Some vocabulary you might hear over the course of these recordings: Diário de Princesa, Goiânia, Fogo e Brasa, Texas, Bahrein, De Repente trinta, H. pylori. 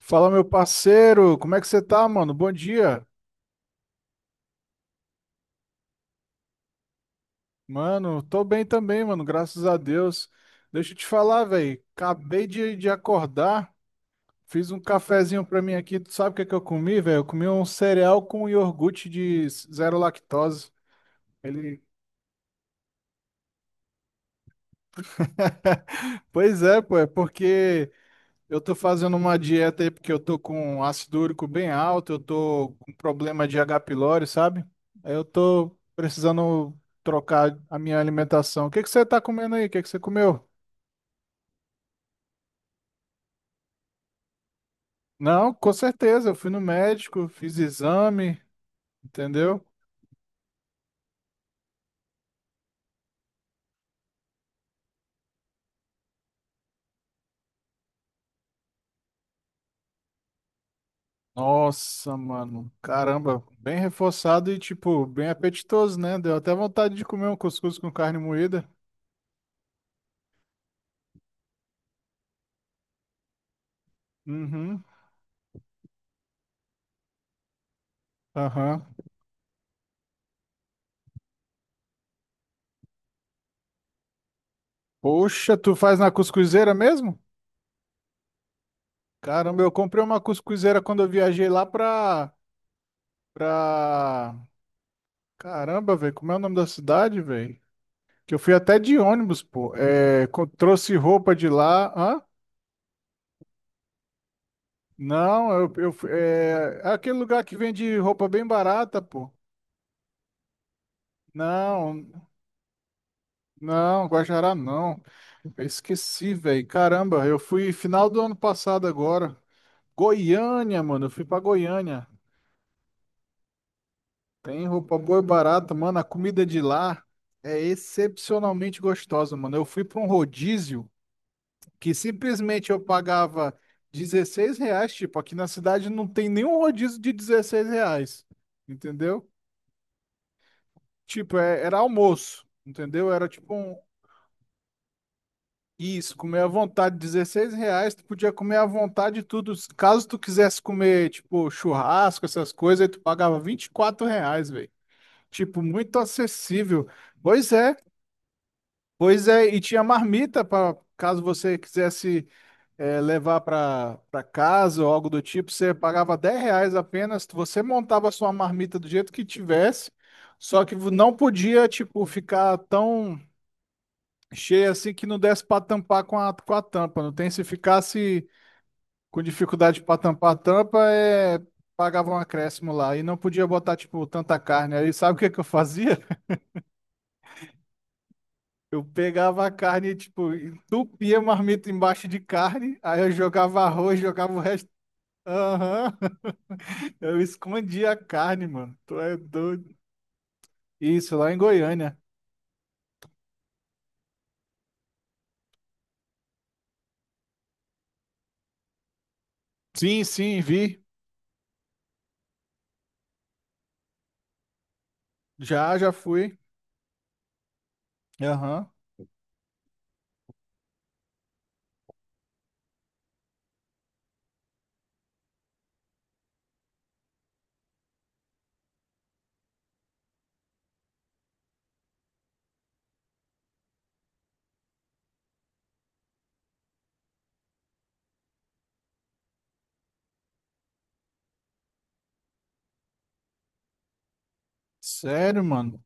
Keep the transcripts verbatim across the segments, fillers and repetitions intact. Fala, meu parceiro, como é que você tá, mano? Bom dia. Mano, tô bem também, mano, graças a Deus. Deixa eu te falar, velho, acabei de, de acordar, fiz um cafezinho pra mim aqui. Tu sabe o que é que eu comi, velho? Eu comi um cereal com iogurte de zero lactose. Ele... Pois é, pô, é porque eu tô fazendo uma dieta aí porque eu tô com ácido úrico bem alto, eu tô com problema de H. pylori, sabe? Aí eu tô precisando trocar a minha alimentação. O que que você tá comendo aí? O que que você comeu? Não, com certeza, eu fui no médico, fiz exame, entendeu? Nossa, mano, caramba, bem reforçado e tipo, bem apetitoso, né? Deu até vontade de comer um cuscuz com carne moída. Uhum, aham. Poxa, tu faz na cuscuzeira mesmo? Caramba, eu comprei uma cuscuzeira quando eu viajei lá pra, pra... Caramba, velho, como é o nome da cidade, velho? Que eu fui até de ônibus, pô. É, co- trouxe roupa de lá. Hã? Não, eu, eu fui- é, é aquele lugar que vende roupa bem barata, pô. Não, não, Guajará não. Eu esqueci, velho. Caramba, eu fui final do ano passado agora. Goiânia, mano, eu fui pra Goiânia. Tem roupa boa e barata, mano. A comida de lá é excepcionalmente gostosa, mano. Eu fui para um rodízio que simplesmente eu pagava dezesseis reais. Tipo, aqui na cidade não tem nenhum rodízio de dezesseis reais. Entendeu? Tipo, é- era almoço. Entendeu? Era tipo um. Isso, comer à vontade, dezesseis reais, tu podia comer à vontade tudo. Caso tu quisesse comer, tipo, churrasco, essas coisas, aí tu pagava vinte e quatro reais, velho. Tipo, muito acessível. Pois é. Pois é, e tinha marmita para caso você quisesse eh, levar para para casa ou algo do tipo, você pagava dez reais apenas, você montava a sua marmita do jeito que tivesse, só que não podia, tipo, ficar tão cheia assim que não desse para tampar com a, com a tampa, não tem? Se ficasse com dificuldade para tampar a tampa, é, pagava um acréscimo lá e não podia botar, tipo, tanta carne. Aí sabe o que que eu fazia? Eu pegava a carne, tipo, entupia a marmita embaixo de carne, aí eu jogava arroz, jogava o resto. Aham. Eu escondia a carne, mano. Tu é doido. Isso, lá em Goiânia. Sim, sim, vi. Já, já fui. Aham. Sério, mano.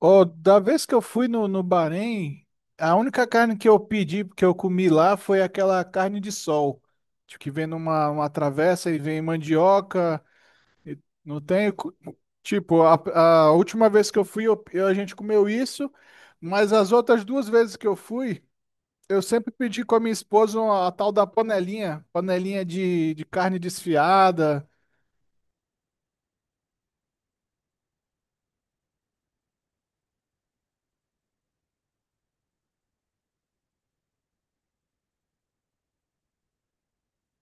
Ó, da vez que eu fui no, no Bahrein, a única carne que eu pedi, que eu comi lá, foi aquela carne de sol. Tipo, que vem numa uma travessa e vem mandioca, E Não tem. Cu- Tipo, a, a última vez que eu fui, eu- eu- a gente comeu isso, mas as outras duas vezes que eu fui, eu sempre pedi com a minha esposa uma- a tal da panelinha, panelinha de, de carne desfiada.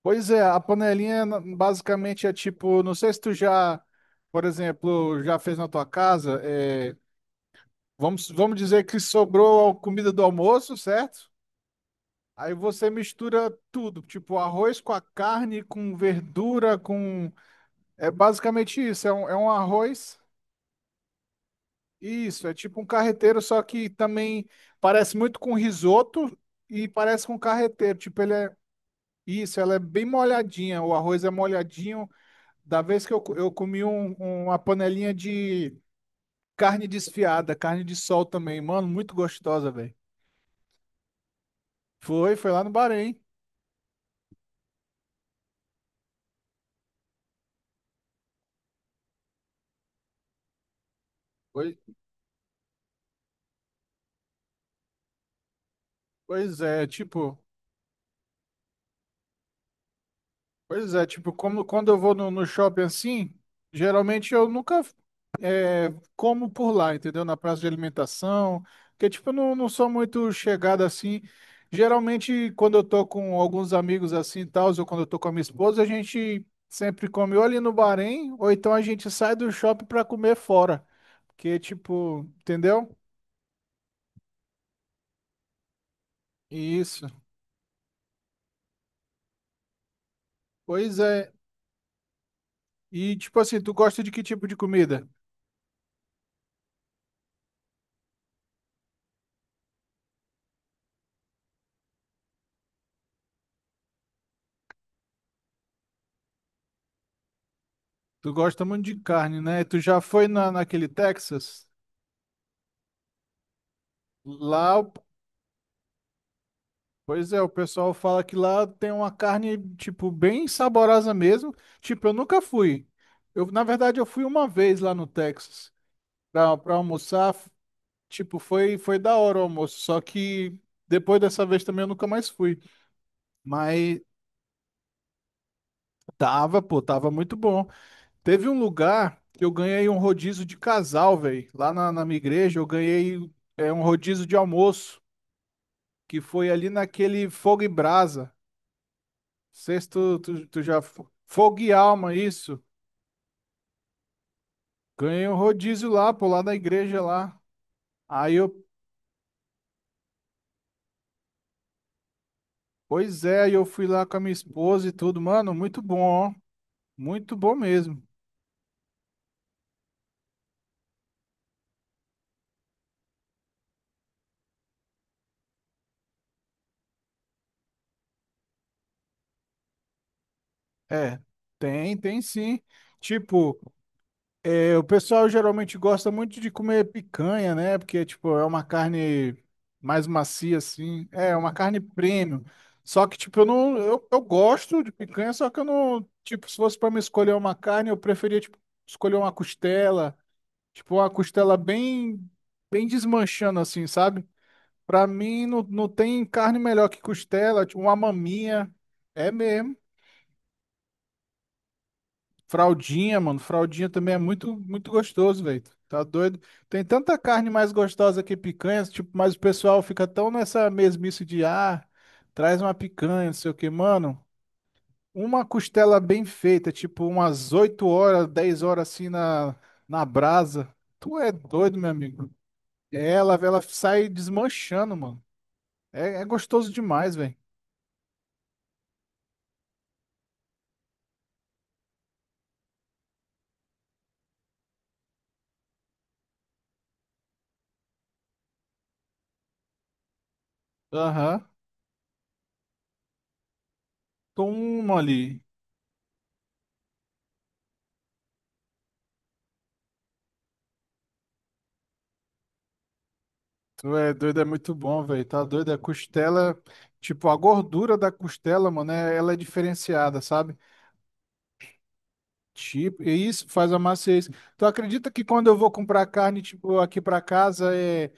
Pois é, a panelinha na- basicamente é tipo, não sei se tu já, por exemplo, já fez na tua casa, é, vamos, vamos dizer que sobrou a comida do almoço, certo? Aí você mistura tudo, tipo arroz com a carne, com verdura, com É basicamente isso, é um, é um arroz, isso, é tipo um carreteiro, só que também parece muito com risoto e parece com carreteiro, tipo ele é, isso, ela é bem molhadinha, o arroz é molhadinho, da vez que eu, co- eu comi um- uma panelinha de carne desfiada, carne de sol também, mano, muito gostosa, velho. Foi, foi lá no Bahrein, pois, pois é, tipo, pois é, tipo, como, quando eu vou no no shopping assim, geralmente eu nunca como por lá, entendeu? Na praça de alimentação, que tipo, eu não, não sou muito chegado assim. Geralmente, quando eu tô com alguns amigos assim e tal, ou quando eu tô com a minha esposa, a gente sempre come ou ali no Bahrein, ou então a gente sai do shopping pra comer fora. Que tipo, entendeu? Isso. Pois é. E tipo assim, tu gosta de que tipo de comida? Tu gosta muito de carne, né? Tu já foi na, naquele Texas? Lá Pois é, o pessoal fala que lá tem uma carne, tipo, bem saborosa mesmo. Tipo, eu nunca fui. Eu, na verdade, eu fui uma vez lá no Texas pra, pra almoçar. F- Tipo, foi, foi da hora o almoço. Só que depois dessa vez também eu nunca mais fui. Mas tava, pô, tava muito bom. Teve um lugar que eu ganhei um rodízio de casal, velho. Lá na, na minha igreja, eu ganhei é, um rodízio de almoço, que foi ali naquele Fogo e Brasa. Sexto, tu, tu já. fo- Fogo e alma, isso. Ganhei um rodízio lá, pô, lá da igreja lá. Aí eu. Pois é, aí eu fui lá com a minha esposa e tudo. Mano, muito bom, ó. Muito bom mesmo. É, tem, tem sim. Tipo. É, o pessoal geralmente gosta muito de comer picanha, né? Porque, tipo, é uma carne mais macia, assim. É, é uma carne premium. Só que, tipo, eu não. Eu, eu gosto de picanha, só que eu não. Tipo, se fosse pra me escolher uma carne, eu preferia, tipo, escolher uma costela. Tipo, uma costela bem. Bem desmanchando, assim, sabe? Pra mim, não, não tem carne melhor que costela. Tipo, uma maminha. É mesmo. Fraldinha, mano. Fraldinha também é muito, muito gostoso, velho. Tá doido? Tem tanta carne mais gostosa que picanha, tipo, mas o pessoal fica tão nessa mesmice de, ah, traz uma picanha, não sei o que, mano. Uma costela bem feita, tipo, umas oito horas, dez horas assim na, na brasa. Tu é doido, meu amigo. Ela, ela sai desmanchando, mano. É, é gostoso demais, velho. Aham. Toma ali. Tu é doido, é muito bom, velho. Tá doido? A costela, tipo, a gordura da costela, mano, é- ela é diferenciada, sabe? Tipo, e isso faz a maciez. Tu acredita que quando eu vou comprar carne, tipo, aqui pra casa, é,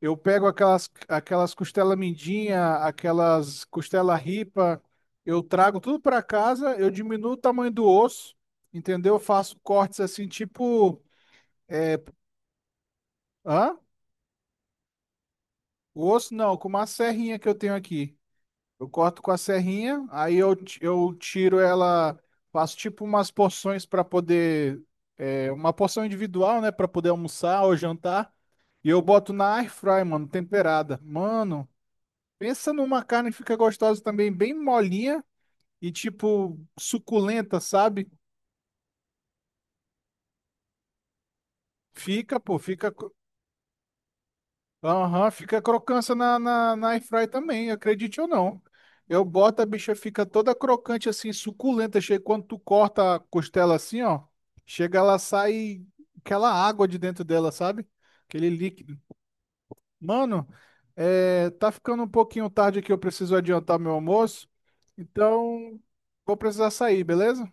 eu pego aquelas, aquelas, costela mindinha, aquelas costela ripa, eu trago tudo pra casa, eu diminuo o tamanho do osso, entendeu? Eu faço cortes assim, tipo, hã? O osso não, com uma serrinha que eu tenho aqui. Eu corto com a serrinha, aí eu, ti- eu tiro ela, faço tipo umas porções para poder, é, uma porção individual, né, para poder almoçar ou jantar, e eu boto na air fry, mano, temperada. Mano, pensa numa carne que fica gostosa também, bem molinha e tipo suculenta, sabe? Fica, pô, fica. Aham, fica crocância na, na, na air fry também, acredite ou não. Eu boto, a bicha fica toda crocante assim, suculenta. Chega, quando tu corta a costela assim, ó, chega, ela sai aquela água de dentro dela, sabe? Aquele líquido. Mano, é, tá ficando um pouquinho tarde aqui, eu preciso adiantar meu almoço. Então, vou precisar sair, beleza?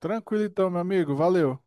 Tranquilo então, meu amigo, valeu.